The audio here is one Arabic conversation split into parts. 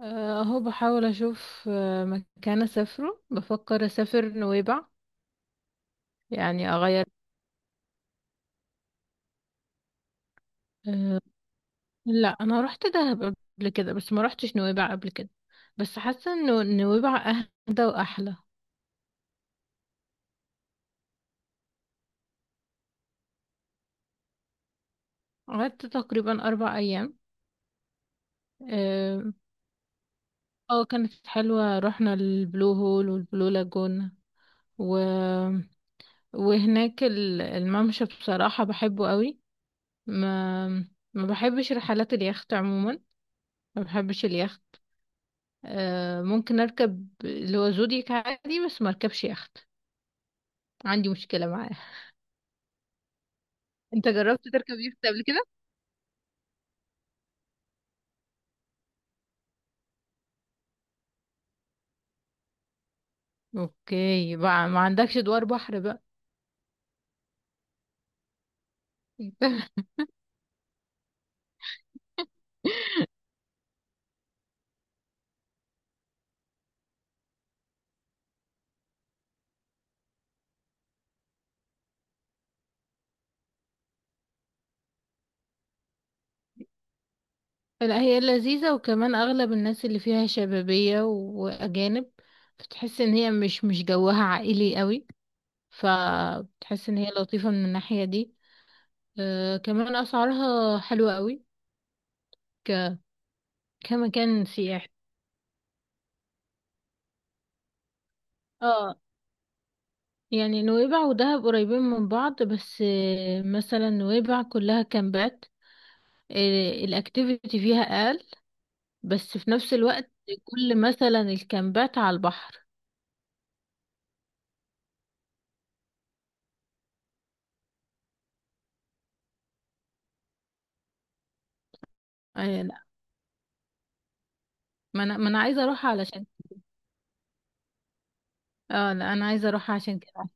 اهو بحاول اشوف مكان اسافره بفكر اسافر نويبع. يعني اغير. أه، لا انا رحت دهب قبل كده، بس ما رحتش نويبع قبل كده. بس حاسه انه نويبع اهدى واحلى. قعدت تقريبا 4 ايام، اه. كانت حلوه، رحنا البلو هول والبلو لاجون و... وهناك الممشى بصراحه بحبه قوي. ما ما بحبش رحلات اليخت عموما، ما بحبش. ممكن اركب اللي هو زودياك عادي، بس ما اركبش يخت. عندي مشكلة معاه. انت جربت تركب يخت قبل كده؟ اوكي بقى، ما عندكش دوار بحر بقى. لا هي لذيذة، وكمان اغلب الناس اللي فيها شبابية واجانب. بتحس ان هي مش جوها عائلي قوي، فبتحس ان هي لطيفة من الناحية دي. كمان اسعارها حلوة قوي. ك... كمكان سياحي. اه، يعني نويبع ودهب قريبين من بعض، بس مثلا نويبع كلها كامبات. الاكتيفيتي فيها اقل، بس في نفس الوقت كل مثلا الكامبات على البحر. آه، لا، ما انا عايزه اروح علشان. اه لا، انا عايزه اروح عشان كده.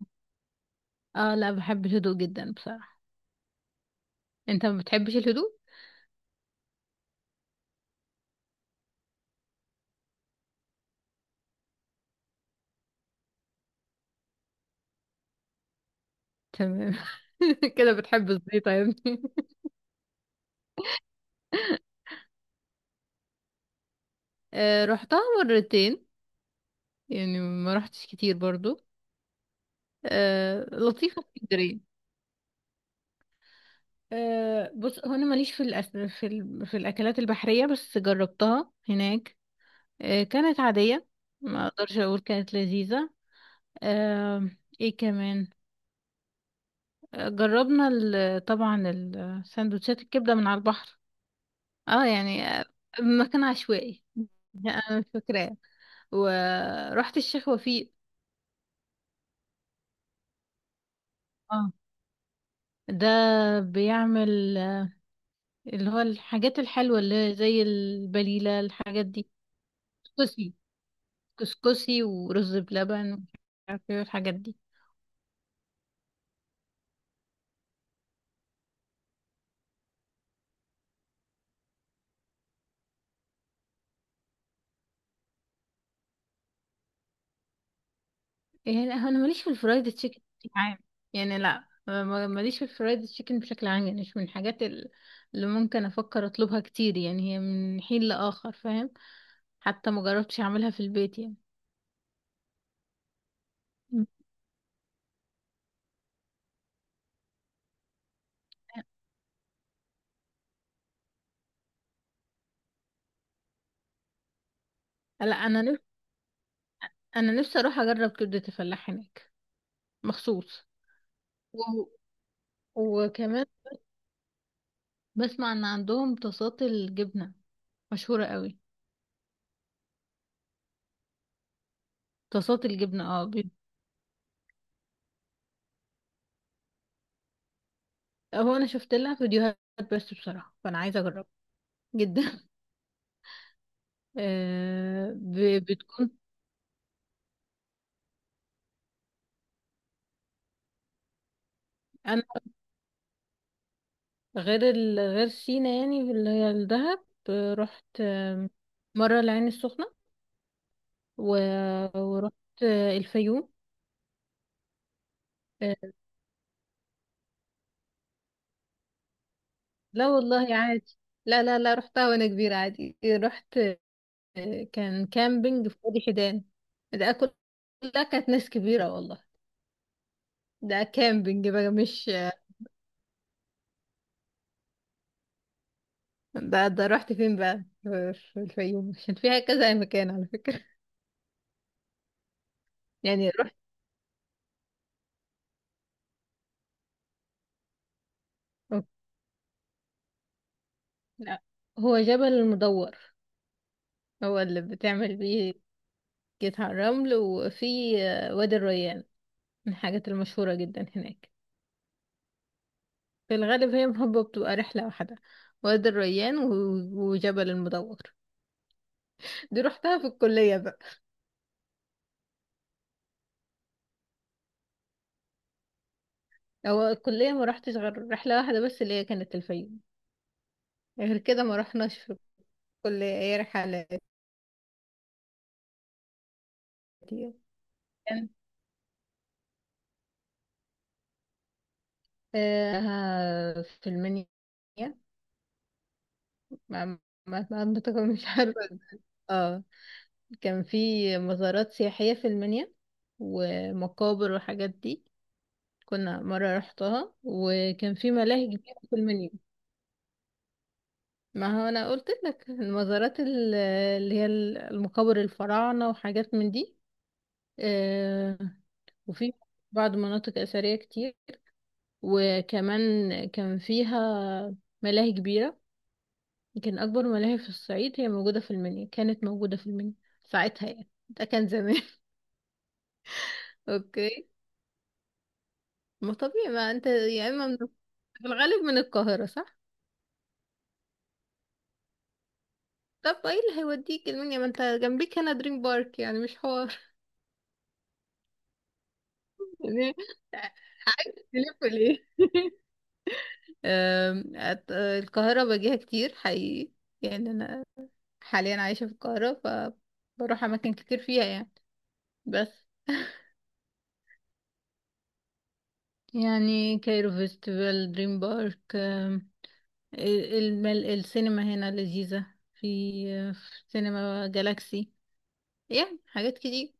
اه لا، بحب الهدوء جدا بصراحه. انت ما بتحبش الهدوء؟ تمام. كده بتحب الزيطه يا ابني. آه، رحتها مرتين. يعني ما رحتش كتير برضو. آه، لطيفه اسكندريه. أه بص، هو انا ماليش في في الاكلات البحريه، بس جربتها هناك. أه كانت عاديه. ما اقدرش اقول كانت لذيذه. أه، ايه كمان. أه جربنا طبعا السندوتشات الكبده من على البحر. اه يعني، مكان عشوائي. انا مش فاكراه. ورحت الشيخ وفيق. اه، ده بيعمل اللي هو الحاجات الحلوه اللي زي البليله، الحاجات دي. بصي، كسكسي ورز بلبن ومش عارف ايه والحاجات دي. يعني لا، انا ماليش في الفرايد تشيكن بشكل عام. يعني لا، ماليش في الفرايد تشيكن بشكل عام. يعني مش من الحاجات اللي ممكن افكر اطلبها كتير. يعني هي من حين لاخر، فاهم. حتى ما جربتش اعملها في البيت يعني. م. لا انا نفسي اروح اجرب كبدة الفلاح هناك مخصوص. و... وكمان بسمع ان عندهم طاسات الجبنة مشهورة قوي. طاسات الجبنة اه. هو انا شفت لها فيديوهات، بس بصراحه فانا عايزه اجربها جدا. آه، بتكون. انا غير سينا، يعني اللي هي الدهب. رحت مره العين السخنه و... ورحت الفيوم. آه، لا والله عادي. لا رحتها وانا كبيره عادي، رحت. آه، كان كامبينج في وادي حيدان. ده كل- كلها كانت ناس كبيره والله. ده كامبينج بقى، مش ده رحت فين بقى، في الفيوم عشان فيها كذا مكان على فكرة. يعني رحت. أوكي. لا، هو جبل المدور، هو اللي بتعمل بيه، جيت على الرمل. وفي وادي الريان، من الحاجات المشهورة جدا هناك. في الغالب هي محبة بتبقى رحلة واحدة، وادي الريان وجبل المدور. دي رحتها في الكلية بقى. هو الكلية ما رحتش غير رحلة واحدة، بس اللي هي كانت الفيوم. غير كده ما رحناش في الكلية أي رحلات. في المنيا. ما منطقة، مش عارفة. اه، كان في مزارات سياحية في المنيا، ومقابر وحاجات دي. كنا مرة رحتها وكان في ملاهي كبيرة في المنيا. ما هو أنا قلت لك المزارات اللي هي المقابر، الفراعنة وحاجات من دي. آه، وفي بعض مناطق أثرية كتير. وكمان كان فيها ملاهي كبيرة، يمكن أكبر ملاهي في الصعيد هي موجودة في المنيا، كانت موجودة في المنيا ساعتها. يعني ده كان زمان. اوكي. ما طبيعي، ما انت يا اما من، في الغالب من القاهرة صح؟ طب ايه اللي هيوديك المنيا، ما انت جنبيك هنا دريم بارك، يعني مش حوار. يعني عايز تلف ليه؟ القاهرة باجيها كتير حقيقي. يعني أنا حاليا عايشة في القاهرة، فبروح أماكن كتير فيها يعني. بس يعني كايرو فيستيفال، دريم بارك. السينما هنا لذيذة. في في سينما جالاكسي. يعني حاجات كتير.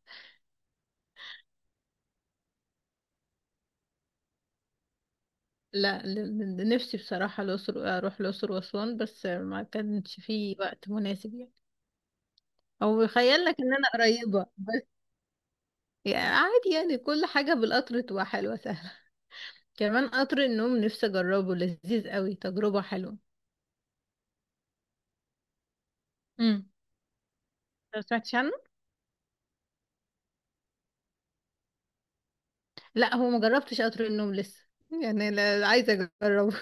لا، نفسي بصراحة الأقصر، أروح الأقصر وأسوان، بس ما كانش في وقت مناسب يعني. أو بيخيل لك إن أنا قريبة، بس يعني عادي. يعني كل حاجة بالقطر تبقى حلوة سهلة. كمان قطر النوم نفسي أجربه، لذيذ قوي تجربة حلوة. امم، ما سمعتش عنه؟ لا، هو ما جربتش قطر النوم لسه، يعني لا، عايزة أجربه.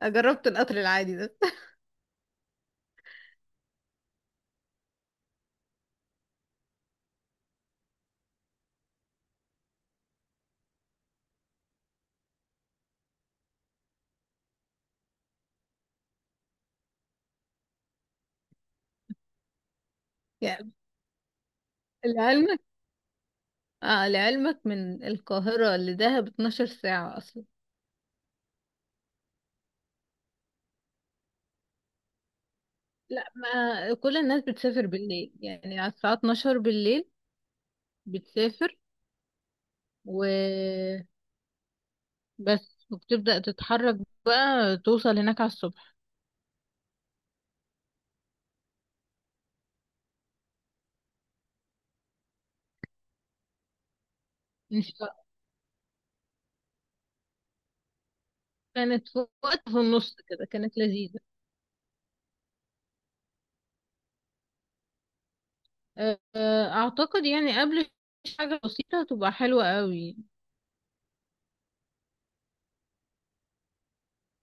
جربت القطر العادي ده. يعني العلم، آه لعلمك من القاهرة لدهب 12 ساعة أصلا. لا، ما كل الناس بتسافر بالليل، يعني على الساعة 12 بالليل بتسافر وبس، وبتبدأ تتحرك بقى توصل هناك على الصبح. إن شاء الله. كانت في وقت في النص كده، كانت لذيذة. آه، أعتقد يعني قبل حاجة بسيطة تبقى حلوة قوي.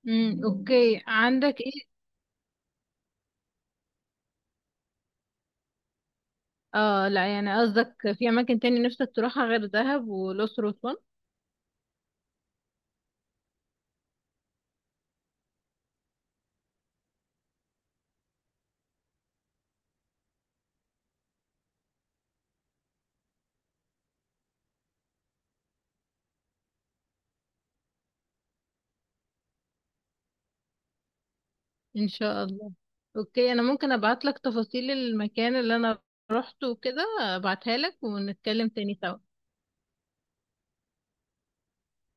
مم. أوكي، عندك إيه؟ آه لا، يعني قصدك في أماكن تاني نفسك تروحها غير دهب والأقصر وأسوان. ان شاء الله. اوكي، انا ممكن ابعت لك تفاصيل المكان اللي انا روحته وكده، ابعتها لك ونتكلم تاني سوا.